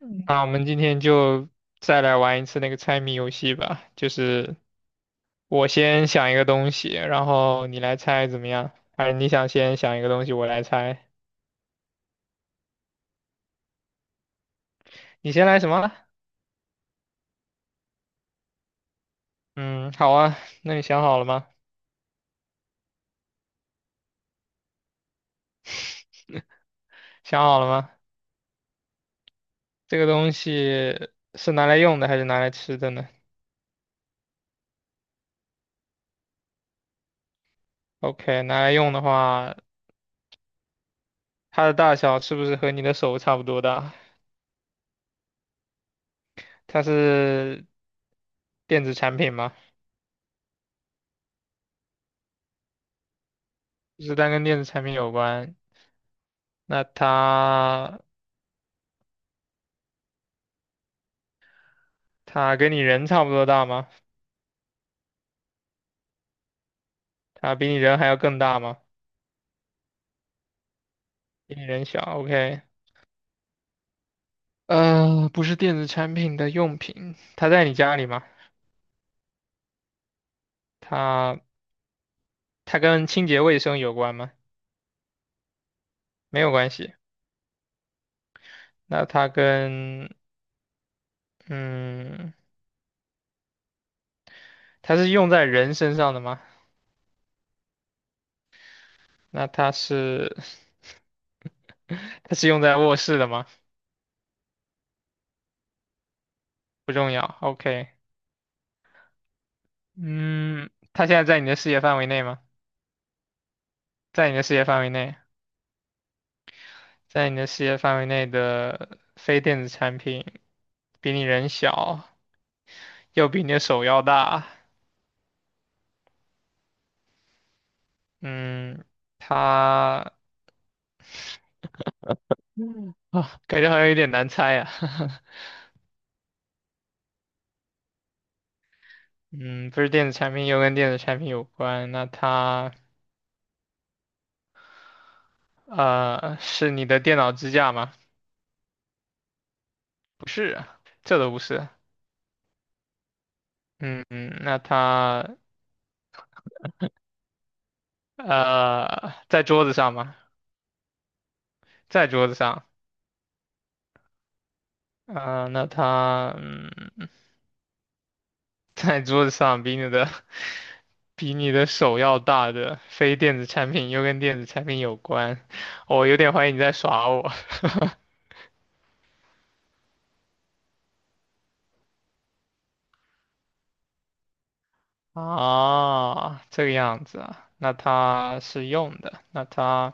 嗯那我们今天就再来玩一次那个猜谜游戏吧，就是我先想一个东西，然后你来猜怎么样？还是你想先想一个东西，我来猜？你先来什么？嗯，好啊，那你想好了吗？想好了吗？这个东西是拿来用的还是拿来吃的呢？OK，拿来用的话，它的大小是不是和你的手差不多大？它是电子产品吗？就是它跟电子产品有关，那它。它跟你人差不多大吗？它比你人还要更大吗？比你人小，OK。不是电子产品的用品，它在你家里吗？它它跟清洁卫生有关吗？没有关系。那它跟嗯，它是用在人身上的吗？那它是 它是用在卧室的吗？不重要，OK。嗯，它现在在你的视野范围内吗？在你的视野范围内。在你的视野范围内的非电子产品比你人小，又比你的手要大，嗯，它嗯啊，感觉好像有点难猜啊。嗯，不是电子产品，又跟电子产品有关，那它是你的电脑支架吗？不是啊这都不是。嗯，那它在桌子上吗？在桌子上。啊、那它嗯在桌子上比你的 比你的手要大的非电子产品，又跟电子产品有关，哦我有点怀疑你在耍我。啊，这个样子啊，那它是用的，那它，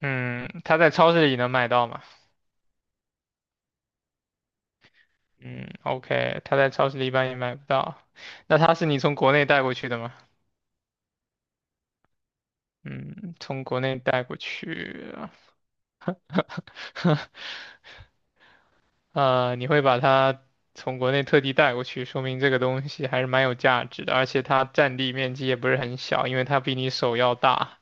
嗯，它在超市里能买到吗？嗯，OK，它在超市里一般也买不到。那它是你从国内带过去的吗？嗯，从国内带过去啊，你会把它从国内特地带过去，说明这个东西还是蛮有价值的，而且它占地面积也不是很小，因为它比你手要大。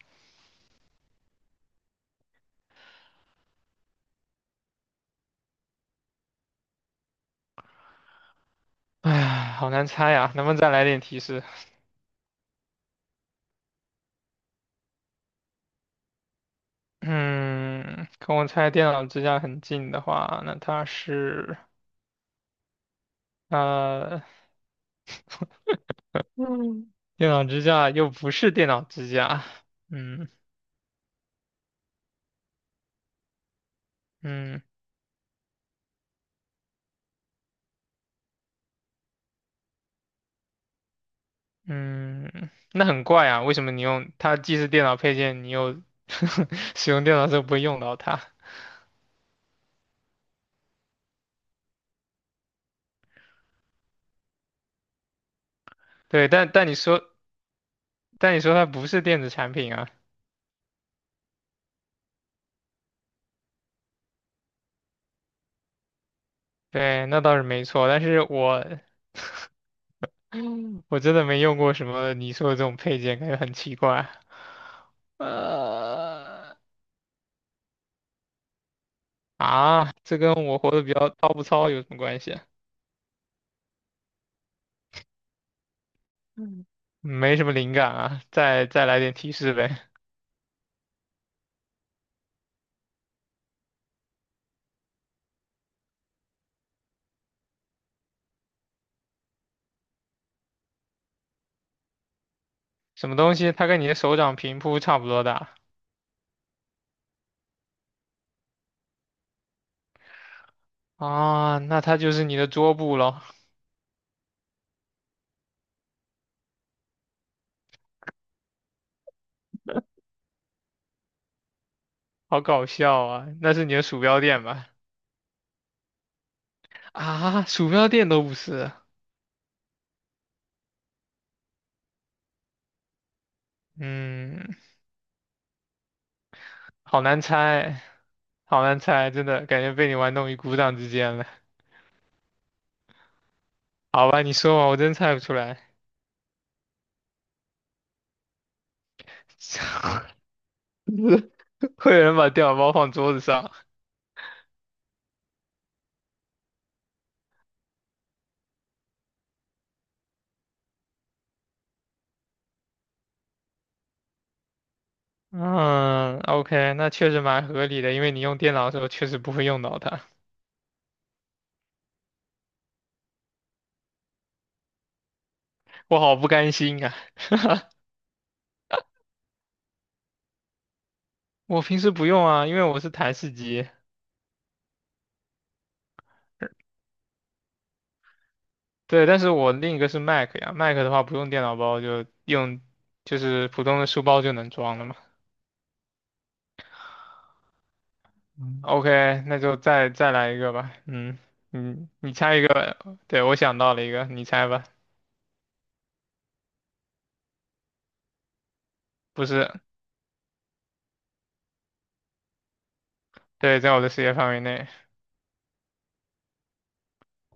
唉，好难猜呀，能不能再来点提示？嗯，跟我猜电脑支架很近的话，那它是呃，嗯，电脑支架又不是电脑支架，嗯嗯嗯，那很怪啊，为什么你用它既是电脑配件，你又 使用电脑的时候不会用到它？对，但你说，但你说它不是电子产品啊，对，那倒是没错。但是我，我真的没用过什么你说的这种配件，感觉很奇怪。呃，啊，这跟我活得比较糙不糙有什么关系啊。嗯，没什么灵感啊，再来点提示呗。什么东西它跟你的手掌平铺差不多大啊？那它就是你的桌布咯，好搞笑啊！那是你的鼠标垫吧？啊，鼠标垫都不是，嗯，好难猜，好难猜，真的感觉被你玩弄于股掌之间了。好吧，你说吧，我真猜不出来。会有人把电脑包放桌子上？嗯，OK，那确实蛮合理的，因为你用电脑的时候确实不会用到它。我好不甘心啊！我平时不用啊，因为我是台式机。对，但是我另一个是 Mac 呀，Mac 的话不用电脑包，就用就是普通的书包就能装了嘛。OK，那就再来一个吧。嗯，嗯，你猜一个。对，我想到了一个，你猜吧。不是，对，在我的视野范围内，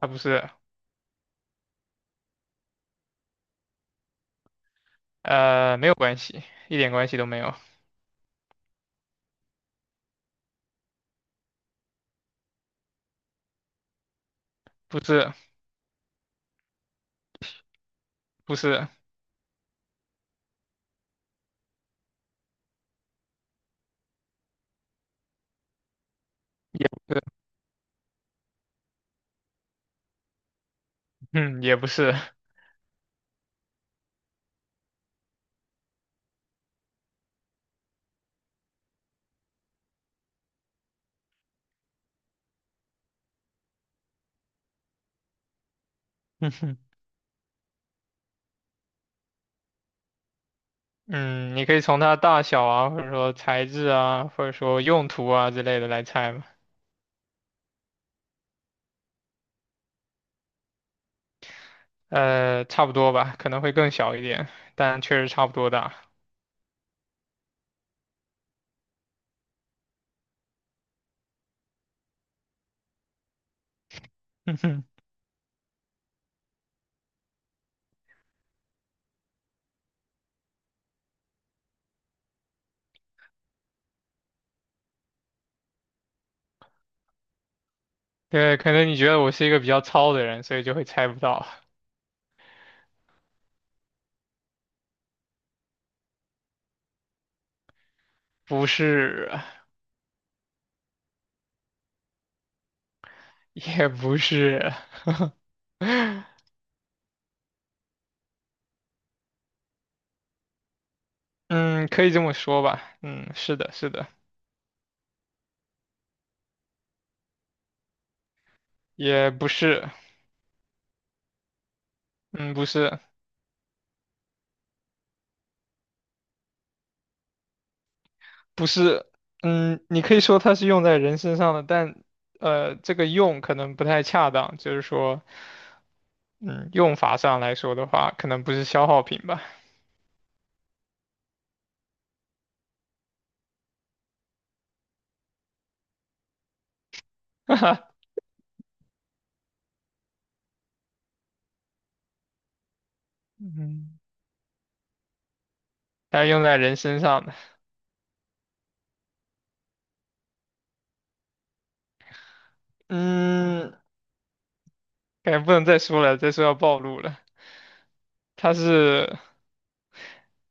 它不是，呃，没有关系，一点关系都没有。不是，不是，也不是，嗯，也不是。嗯，你可以从它大小啊，或者说材质啊，或者说用途啊之类的来猜嘛。呃，差不多吧，可能会更小一点，但确实差不多大。对，可能你觉得我是一个比较糙的人，所以就会猜不到。不是，也不是，嗯，可以这么说吧，嗯，是的，是的，也不是，嗯，不是，不是，嗯，你可以说它是用在人身上的，但这个用可能不太恰当，就是说，嗯，用法上来说的话，可能不是消耗品吧，哈哈，嗯，它是用在人身上的，嗯，感觉不能再说了，再说要暴露了，它是，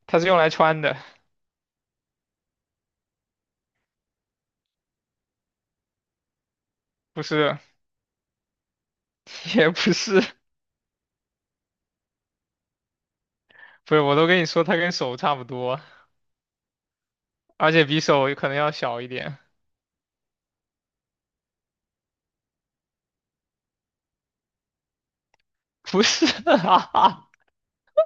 它是用来穿的，不是，也不是。不是，我都跟你说，它跟手差不多，而且比手可能要小一点。不是啊，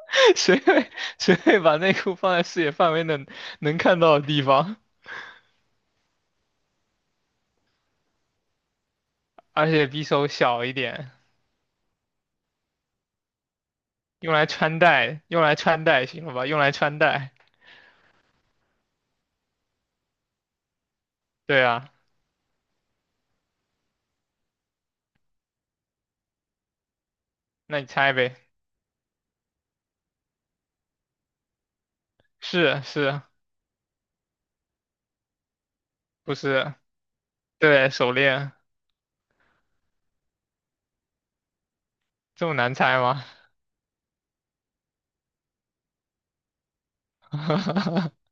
谁会谁会把内裤放在视野范围能看到的地方？而且比手小一点，用来穿戴，用来穿戴，行了吧？用来穿戴。对啊，那你猜呗，是不是？对，手链这么难猜吗？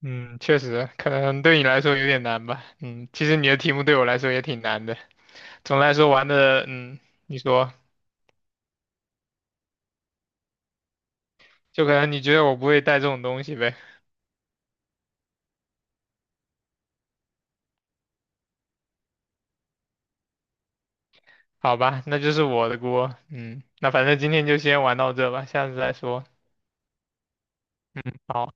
嗯，确实，可能对你来说有点难吧。嗯，其实你的题目对我来说也挺难的。总的来说玩的，嗯，你说，就可能你觉得我不会带这种东西呗？好吧，那就是我的锅。嗯，那反正今天就先玩到这吧，下次再说。好。